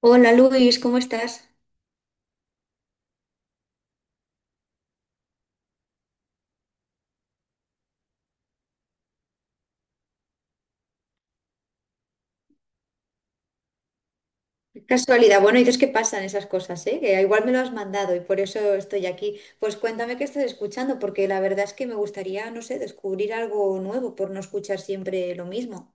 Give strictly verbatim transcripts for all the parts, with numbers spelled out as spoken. Hola Luis, ¿cómo estás? Qué casualidad. Bueno, dices que pasan esas cosas, ¿eh? Que igual me lo has mandado y por eso estoy aquí. Pues cuéntame qué estás escuchando, porque la verdad es que me gustaría, no sé, descubrir algo nuevo por no escuchar siempre lo mismo.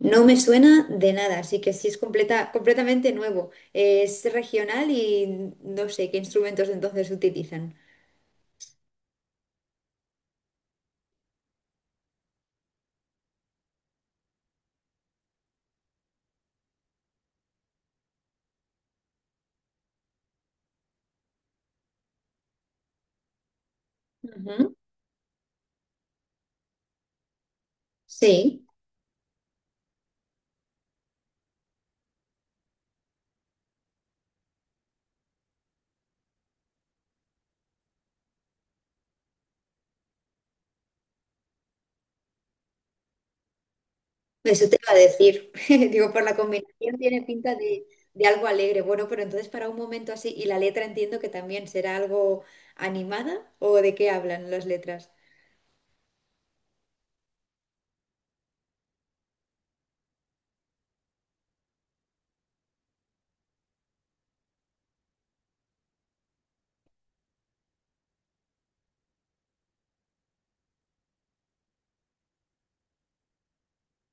No me suena de nada, así que sí es completa, completamente nuevo. Es regional y no sé qué instrumentos entonces utilizan. Ujú. Sí. Eso te iba a decir. Digo, por la combinación tiene pinta de, de algo alegre. Bueno, pero entonces para un momento así, y la letra entiendo que también será algo animada, ¿o de qué hablan las letras?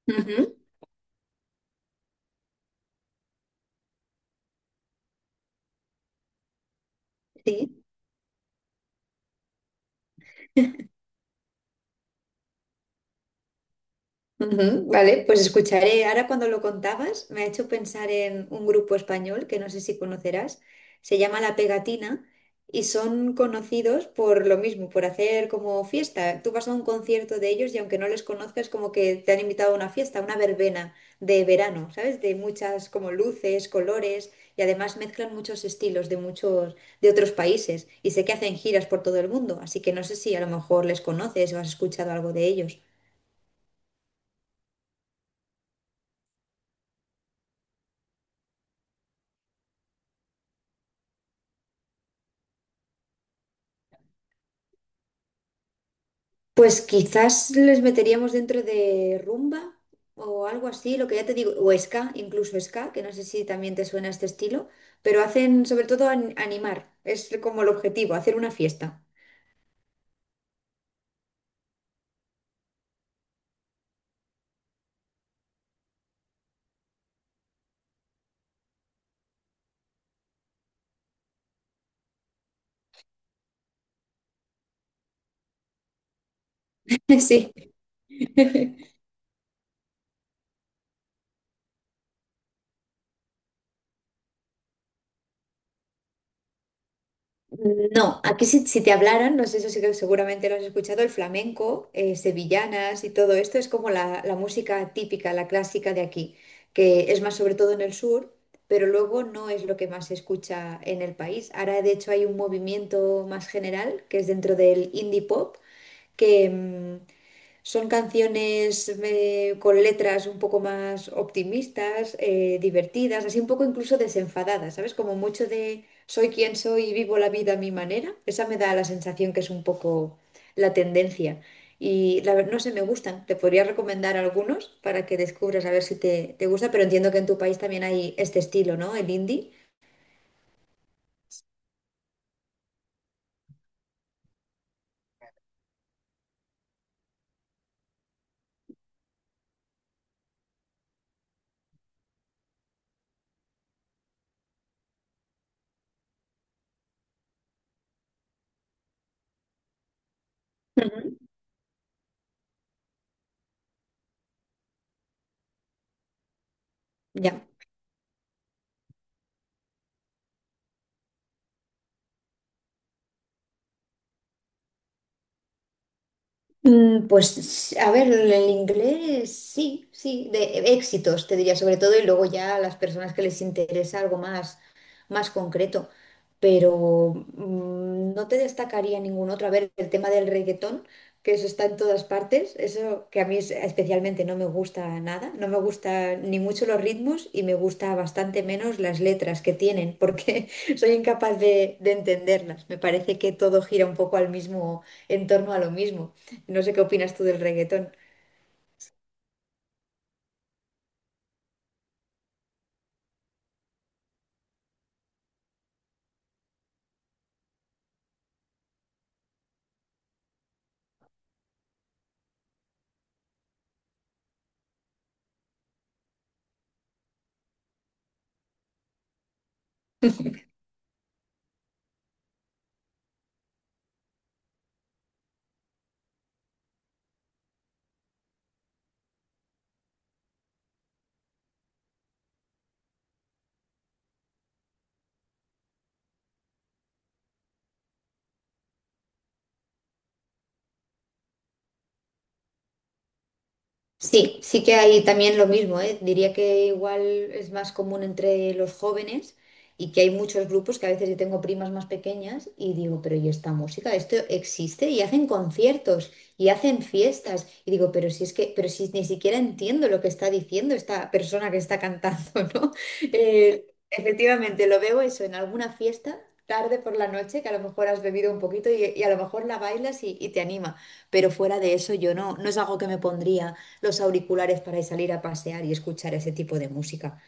Ujú. Sí. Ujú. Vale, pues escucharé. Ahora cuando lo contabas, me ha hecho pensar en un grupo español que no sé si conocerás. Se llama La Pegatina y son conocidos por lo mismo, por hacer como fiesta. Tú vas a un concierto de ellos y aunque no les conozcas, como que te han invitado a una fiesta, una verbena de verano, ¿sabes? De muchas como luces, colores y además mezclan muchos estilos de muchos de otros países y sé que hacen giras por todo el mundo, así que no sé si a lo mejor les conoces o has escuchado algo de ellos. Pues quizás les meteríamos dentro de rumba o algo así, lo que ya te digo, o ska, incluso ska, que no sé si también te suena este estilo, pero hacen sobre todo an- animar, es como el objetivo, hacer una fiesta. Sí. No, aquí si, si te hablaran, no sé, eso sí que seguramente lo has escuchado, el flamenco, eh, sevillanas y todo esto es como la, la música típica, la clásica de aquí, que es más sobre todo en el sur, pero luego no es lo que más se escucha en el país. Ahora, de hecho, hay un movimiento más general que es dentro del indie pop, que, mm, son canciones eh, con letras un poco más optimistas, eh, divertidas, así un poco incluso desenfadadas, ¿sabes? Como mucho de soy quien soy y vivo la vida a mi manera. Esa me da la sensación que es un poco la tendencia. Y la, ver- no sé, me gustan. Te podría recomendar algunos para que descubras a ver si te, te gusta, pero entiendo que en tu país también hay este estilo, ¿no? El indie. Ujú. Ya. Mm, pues a ver, el inglés sí, sí, de éxitos te diría sobre todo y luego ya a las personas que les interesa algo más, más concreto, pero mm, no te destacaría ningún otro. A ver, el tema del reggaetón, que eso está en todas partes, eso que a mí es- especialmente no me gusta nada, no me gusta ni mucho los ritmos y me gusta bastante menos las letras que tienen, porque soy incapaz de, de entenderlas. Me parece que todo gira un poco al mismo, en torno a lo mismo. No sé qué opinas tú del reggaetón. Sí, sí que hay también lo mismo, ¿eh? Diría que igual es más común entre los jóvenes y que hay muchos grupos que a veces yo tengo primas más pequeñas y digo, pero ¿y esta música? Esto existe y hacen conciertos y hacen fiestas y digo, pero si es que, pero si ni siquiera entiendo lo que está diciendo esta persona que está cantando, ¿no? Eh, Efectivamente, lo veo eso en alguna fiesta tarde por la noche, que a lo mejor has bebido un poquito y, y a lo mejor la bailas y, y te anima, pero fuera de eso yo no, no es algo que me pondría los auriculares para salir a pasear y escuchar ese tipo de música.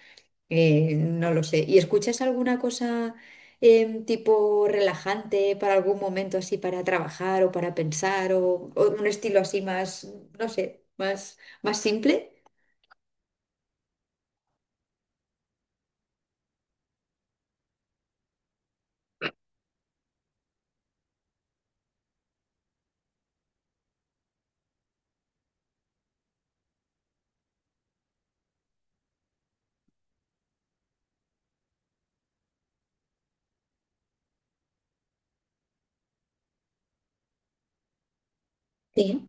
Eh, no lo sé. ¿Y escuchas alguna cosa em, tipo relajante para algún momento así para trabajar o para pensar o, o un estilo así más, no sé, más, más simple? Sí.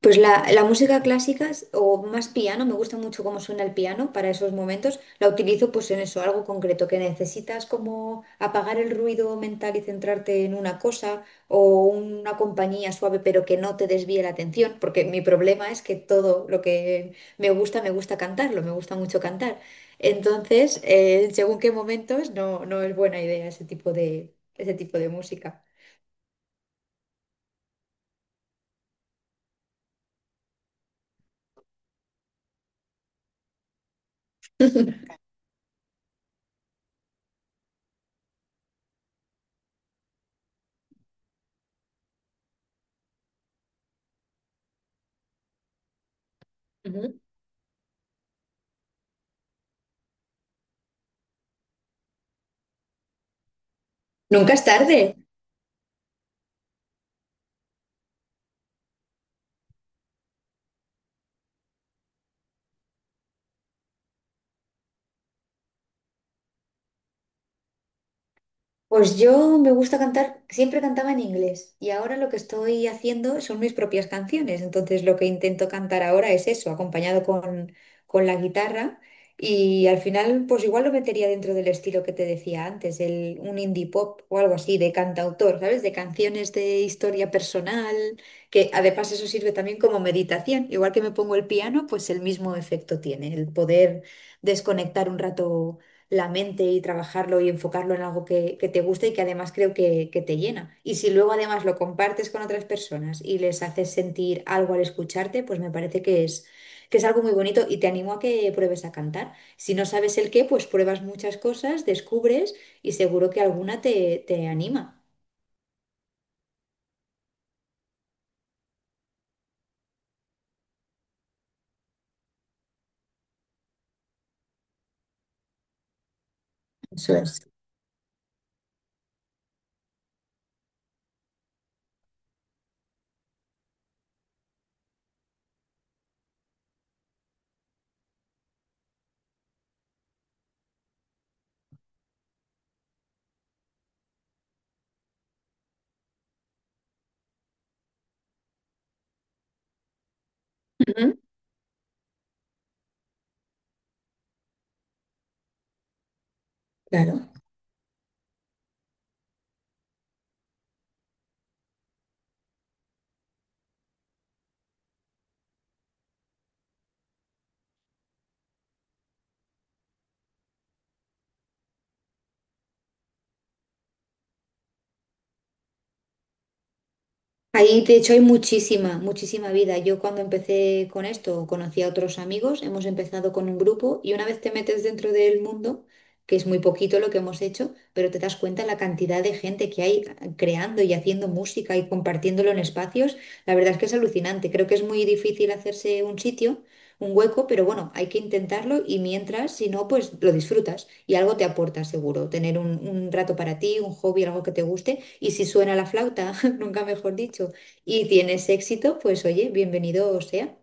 Pues la, la música clásica es- o más piano, me gusta mucho cómo suena el piano para esos momentos. La utilizo pues en eso, algo concreto, que necesitas como apagar el ruido mental y centrarte en una cosa o una compañía suave pero que no te desvíe la atención, porque mi problema es que todo lo que me gusta, me gusta cantarlo, me gusta mucho cantar. Entonces, eh, según qué momentos, no, no es buena idea ese tipo de, ese tipo de música. Ujú. Nunca es tarde. Pues yo me gusta cantar, siempre cantaba en inglés y ahora lo que estoy haciendo son mis propias canciones. Entonces lo que intento cantar ahora es eso, acompañado con, con la guitarra y al final pues igual lo metería dentro del estilo que te decía antes, el, un indie pop o algo así de cantautor, ¿sabes? De canciones de historia personal, que además eso sirve también como meditación. Igual que me pongo el piano, pues el mismo efecto tiene, el poder desconectar un rato la mente y trabajarlo y enfocarlo en algo que, que te gusta y que además creo que, que te llena. Y si luego además lo compartes con otras personas y les haces sentir algo al escucharte, pues me parece que es, que es algo muy bonito y te animo a que pruebes a cantar. Si no sabes el qué, pues pruebas muchas cosas, descubres y seguro que alguna te, te anima. Eso es. Ujú. Claro. Ahí, de hecho, hay muchísima, muchísima vida. Yo cuando empecé con esto, conocí a otros amigos, hemos empezado con un grupo y una vez te metes dentro del mundo, que es muy poquito lo que hemos hecho, pero te das cuenta la cantidad de gente que hay creando y haciendo música y compartiéndolo en espacios, la verdad es que es alucinante. Creo que es muy difícil hacerse un sitio, un hueco, pero bueno, hay que intentarlo y mientras, si no, pues lo disfrutas. Y algo te aporta seguro, tener un, un rato para ti, un hobby, algo que te guste. Y si suena la flauta, nunca mejor dicho, y tienes éxito, pues oye, bienvenido sea.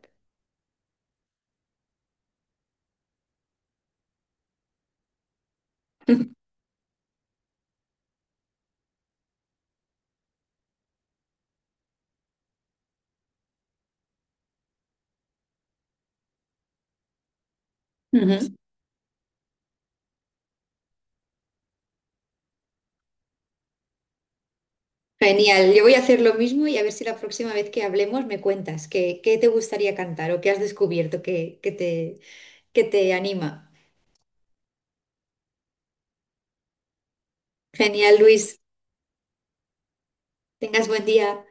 Ujú. Genial, yo voy a hacer lo mismo y a ver si la próxima vez que hablemos me cuentas qué, qué te gustaría cantar o qué has descubierto que, que te, que te anima. Genial, Luis, tengas buen día.